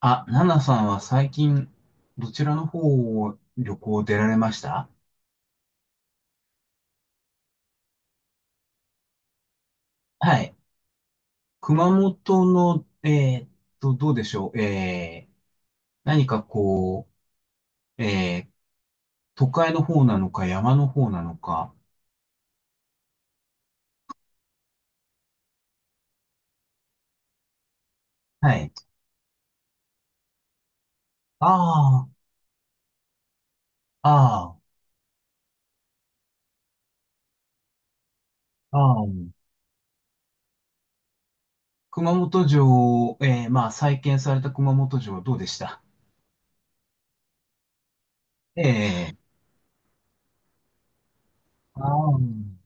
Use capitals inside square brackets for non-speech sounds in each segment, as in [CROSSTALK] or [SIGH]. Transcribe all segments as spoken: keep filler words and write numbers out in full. あ、ナナさんは最近、どちらの方を旅行出られました？はい。熊本の、えーっと、どうでしょう。えー、何かこう、えー、都会の方なのか、山の方なのか。はい。ああ、ああ、ああ。熊本城、えー、まあ、再建された熊本城どうでした？ええー。ああ、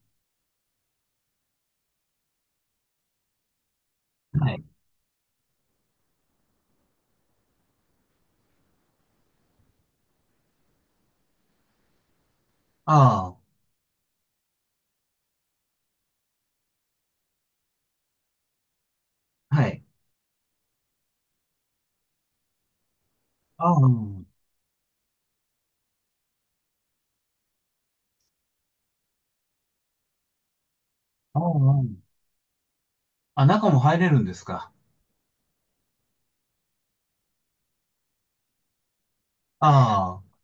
はい。ああ、はい。ああ、ああ、ああ、中も入れるんですか？ああ。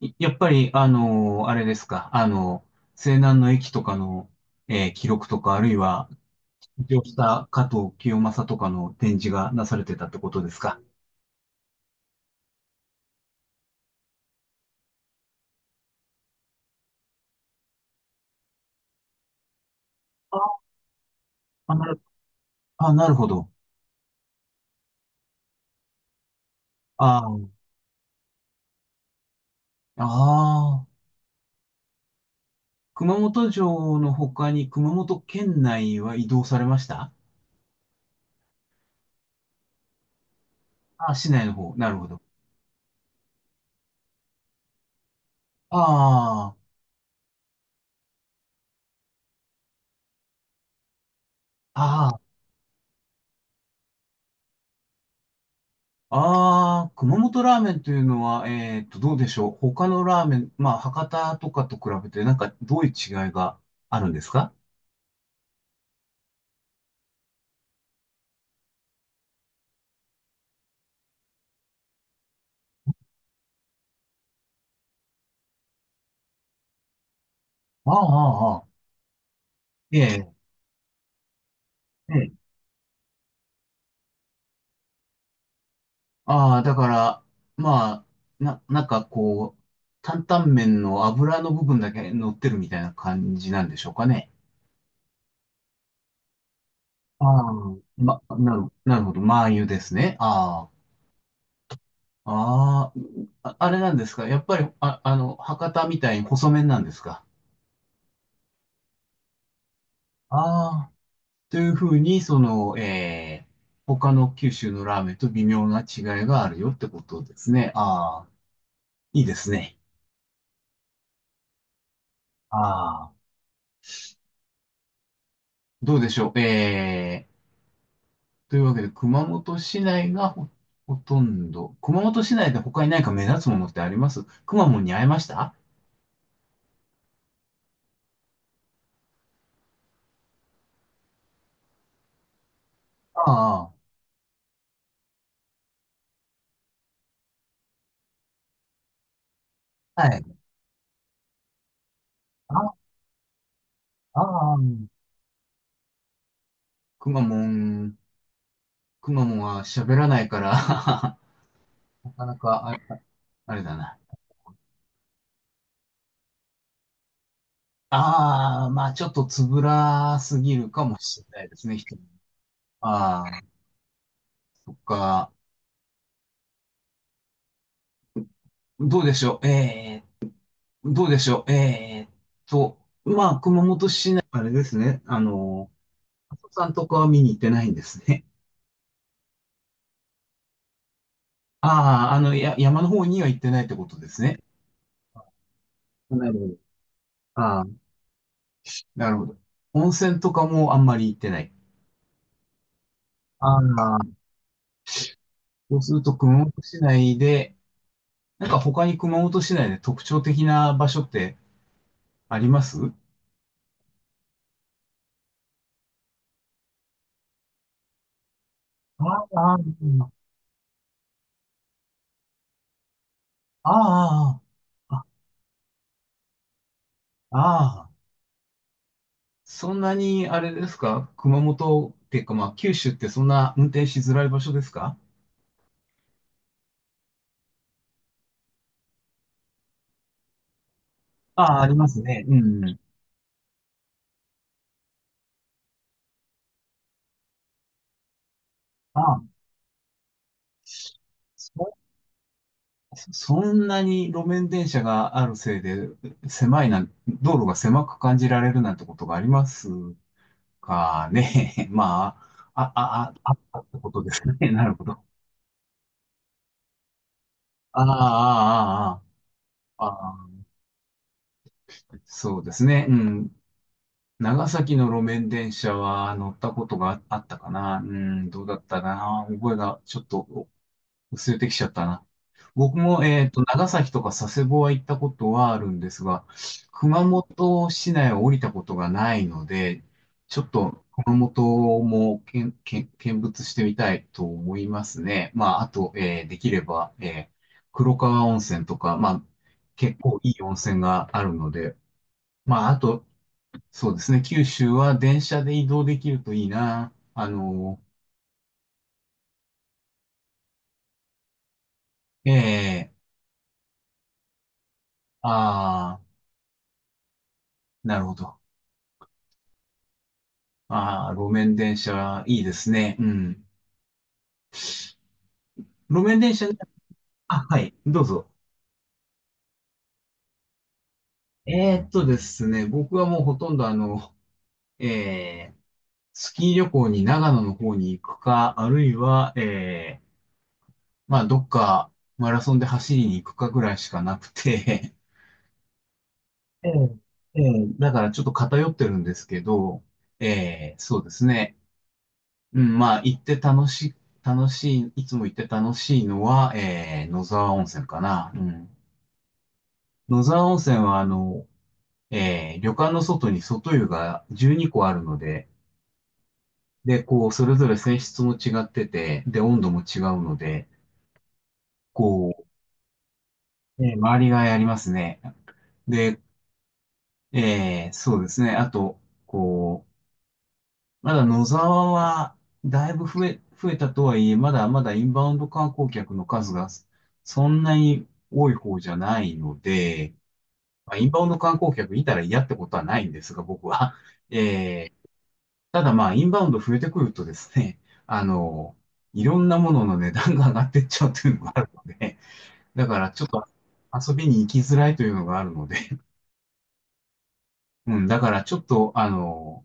いやっぱり、あのーあれですか、あの西南の駅とかの、えー記録とか、あるいは、起業した加藤清正とかの展示がなされてたってことですか。あ、なる、あ、なるほど。あーあー、熊本城の他に熊本県内は移動されました？あ、市内の方、なるほど。ああ、ああ、ああ、熊本ラーメンというのは、えっと、どうでしょう。他のラーメン、まあ、博多とかと比べて、なんか、どういう違いがあるんですか？ああ、ああ、ああ。ええ、ええ。ああ、だから、まあ、な、なんかこう、担々麺の油の部分だけ乗ってるみたいな感じなんでしょうかね。ああ、ま、なる、なるほど。麻油ですね。ああ、ああ、ああれなんですか。やっぱり、あ、あの、博多みたいに細麺なんですか。ああ。というふうに、その、えー、他の九州のラーメンと微妙な違いがあるよってことですね。ああ、いいですね。ああ、どうでしょう。えー、というわけで、熊本市内がほ、ほとんど、熊本市内で他に何か目立つものってありますくまモンに会えました？ああ、はい。ああ、くまモン、くまモンは喋らないから [LAUGHS] なかなかあれ、あれだな。ああ、まあちょっとつぶらすぎるかもしれないですね、人。ああ、そっか。どうでしょう。ええどうでしょう。ええと、まあ、熊本市内、あれですね。あの、阿蘇山とかは見に行ってないんですね。[LAUGHS] ああ、あの、や、山の方には行ってないってことですね。なるほど。ああ、なるほど。温泉とかもあんまり行ってない。ああ、そうすると熊本市内で、なんか他に熊本市内で特徴的な場所ってありますああ、ああ、ああ、ああ、ああ。そんなに、あれですか、熊本っていうか、まあ、九州ってそんな運転しづらい場所ですか？ああ、ありますね。うんうん。ああ、そ、そんなに路面電車があるせいで、狭いな、道路が狭く感じられるなんてことがありますかね。[LAUGHS] まあ、あ、あ、あ、あったってことですね。[LAUGHS] なるほど。ああ、ああ、ああ、ああ。そうですね。うん。長崎の路面電車は乗ったことがあったかな。うん、どうだったかな。覚えがちょっと薄れてきちゃったな。僕も、えっと、長崎とか佐世保は行ったことはあるんですが、熊本市内を降りたことがないので、ちょっと熊本も見、見、見物してみたいと思いますね。まあ、あと、えーできれば、えー黒川温泉とか、まあ、結構いい温泉があるので、まあ、あと、そうですね。九州は電車で移動できるといいな。あの、ええ、ああ、なるほど。ああ、路面電車、いいですね。うん。路面電車ね、あ、はい、どうぞ。えーっとですね、僕はもうほとんどあの、えースキー旅行に長野の方に行くか、あるいは、えーまあ、どっかマラソンで走りに行くかぐらいしかなくて、ええ、ええ、だからちょっと偏ってるんですけど、ええ、そうですね。うん、まあ、行って楽しい、楽しい、いつも行って楽しいのは、えー、野沢温泉かな。うん。野沢温泉は、あの、えー、旅館の外に外湯がじゅうにこあるので、で、こう、それぞれ泉質も違ってて、で、温度も違うので、こう、えー周りがやりますね。で、えー、そうですね。あと、こう、まだ野沢は、だいぶ増え、増えたとはいえ、まだまだインバウンド観光客の数がそんなに多い方じゃないので、まあ、インバウンド観光客いたら嫌ってことはないんですが、僕は。[LAUGHS] えーただまあ、インバウンド増えてくるとですね、あの、いろんなものの値段が上がってっちゃうというのがあるので、だからちょっと遊びに行きづらいというのがあるので、うん、だからちょっと、あの、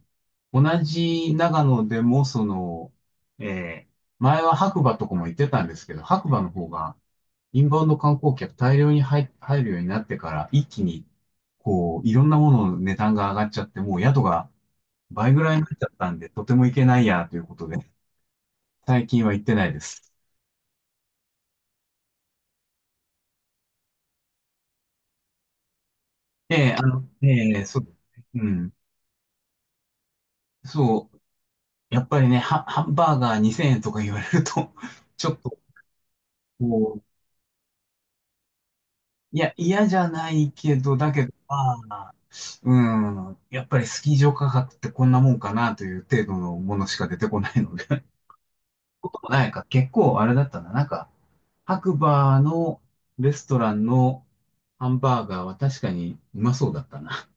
同じ長野でも、その、えー前は白馬とかも行ってたんですけど、白馬の方が、インバウンド観光客大量に入、入るようになってから、一気に、こう、いろんなものの値段が上がっちゃって、もう宿が倍ぐらいになっちゃったんで、とても行けないや、ということで、最近は行ってないです。ええ、あの、ええ、そう、うん、そう、やっぱりね、ハ、ハンバーガーにせんえんとか言われると、[LAUGHS] ちょっと、こう、いや、嫌じゃないけど、だけど、まあ、うん、やっぱりスキー場価格ってこんなもんかなという程度のものしか出てこないので。[LAUGHS] こともないか、結構あれだったな。なんか、白馬のレストランのハンバーガーは確かにうまそうだったな。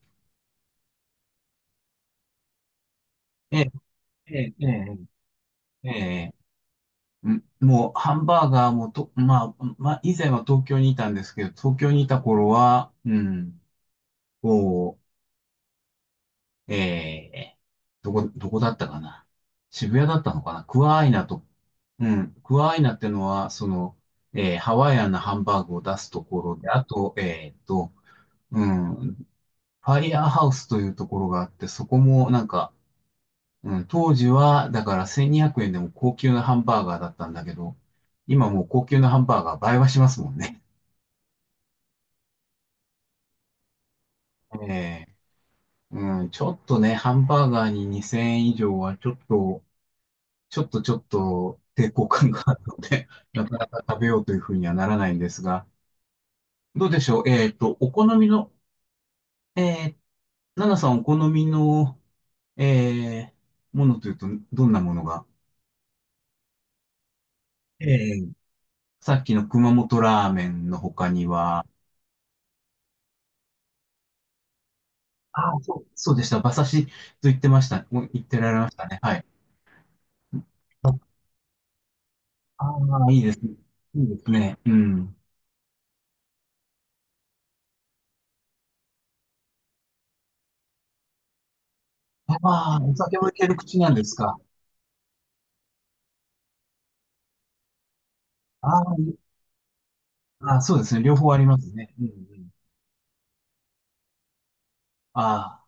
ええ、ええ、ええ、ええ。うん、もう、ハンバーガーもと、まあ、まあ、以前は東京にいたんですけど、東京にいた頃は、うん、こう、ええどこ、どこだったかな。渋谷だったのかな。クワアイナと、うん。クワアイナってのは、その、えーハワイアンなハンバーグを出すところで、あと、えーっと、うん、ファイヤーハウスというところがあって、そこもなんか、うん、当時は、だからせんにひゃくえんでも高級なハンバーガーだったんだけど、今もう高級なハンバーガー倍はしますもんね。ええ、うん、ちょっとね、ハンバーガーににせんえん以上はちょっと、ちょっとちょっと抵抗感があるので、[LAUGHS] なかなか食べようというふうにはならないんですが、どうでしょう。えっと、お好みの、えー、ナナさんお好みの、えー、ものというと、どんなものが？えーさっきの熊本ラーメンの他には、ああ、そう、そうでした。馬刺しと言ってました。もう言ってられましたね。はい。ああー、いいですね。いいですね。うん。ああ、お酒もいける口なんですか？ああ、ああ、そうですね。両方ありますね。うんうん。ああ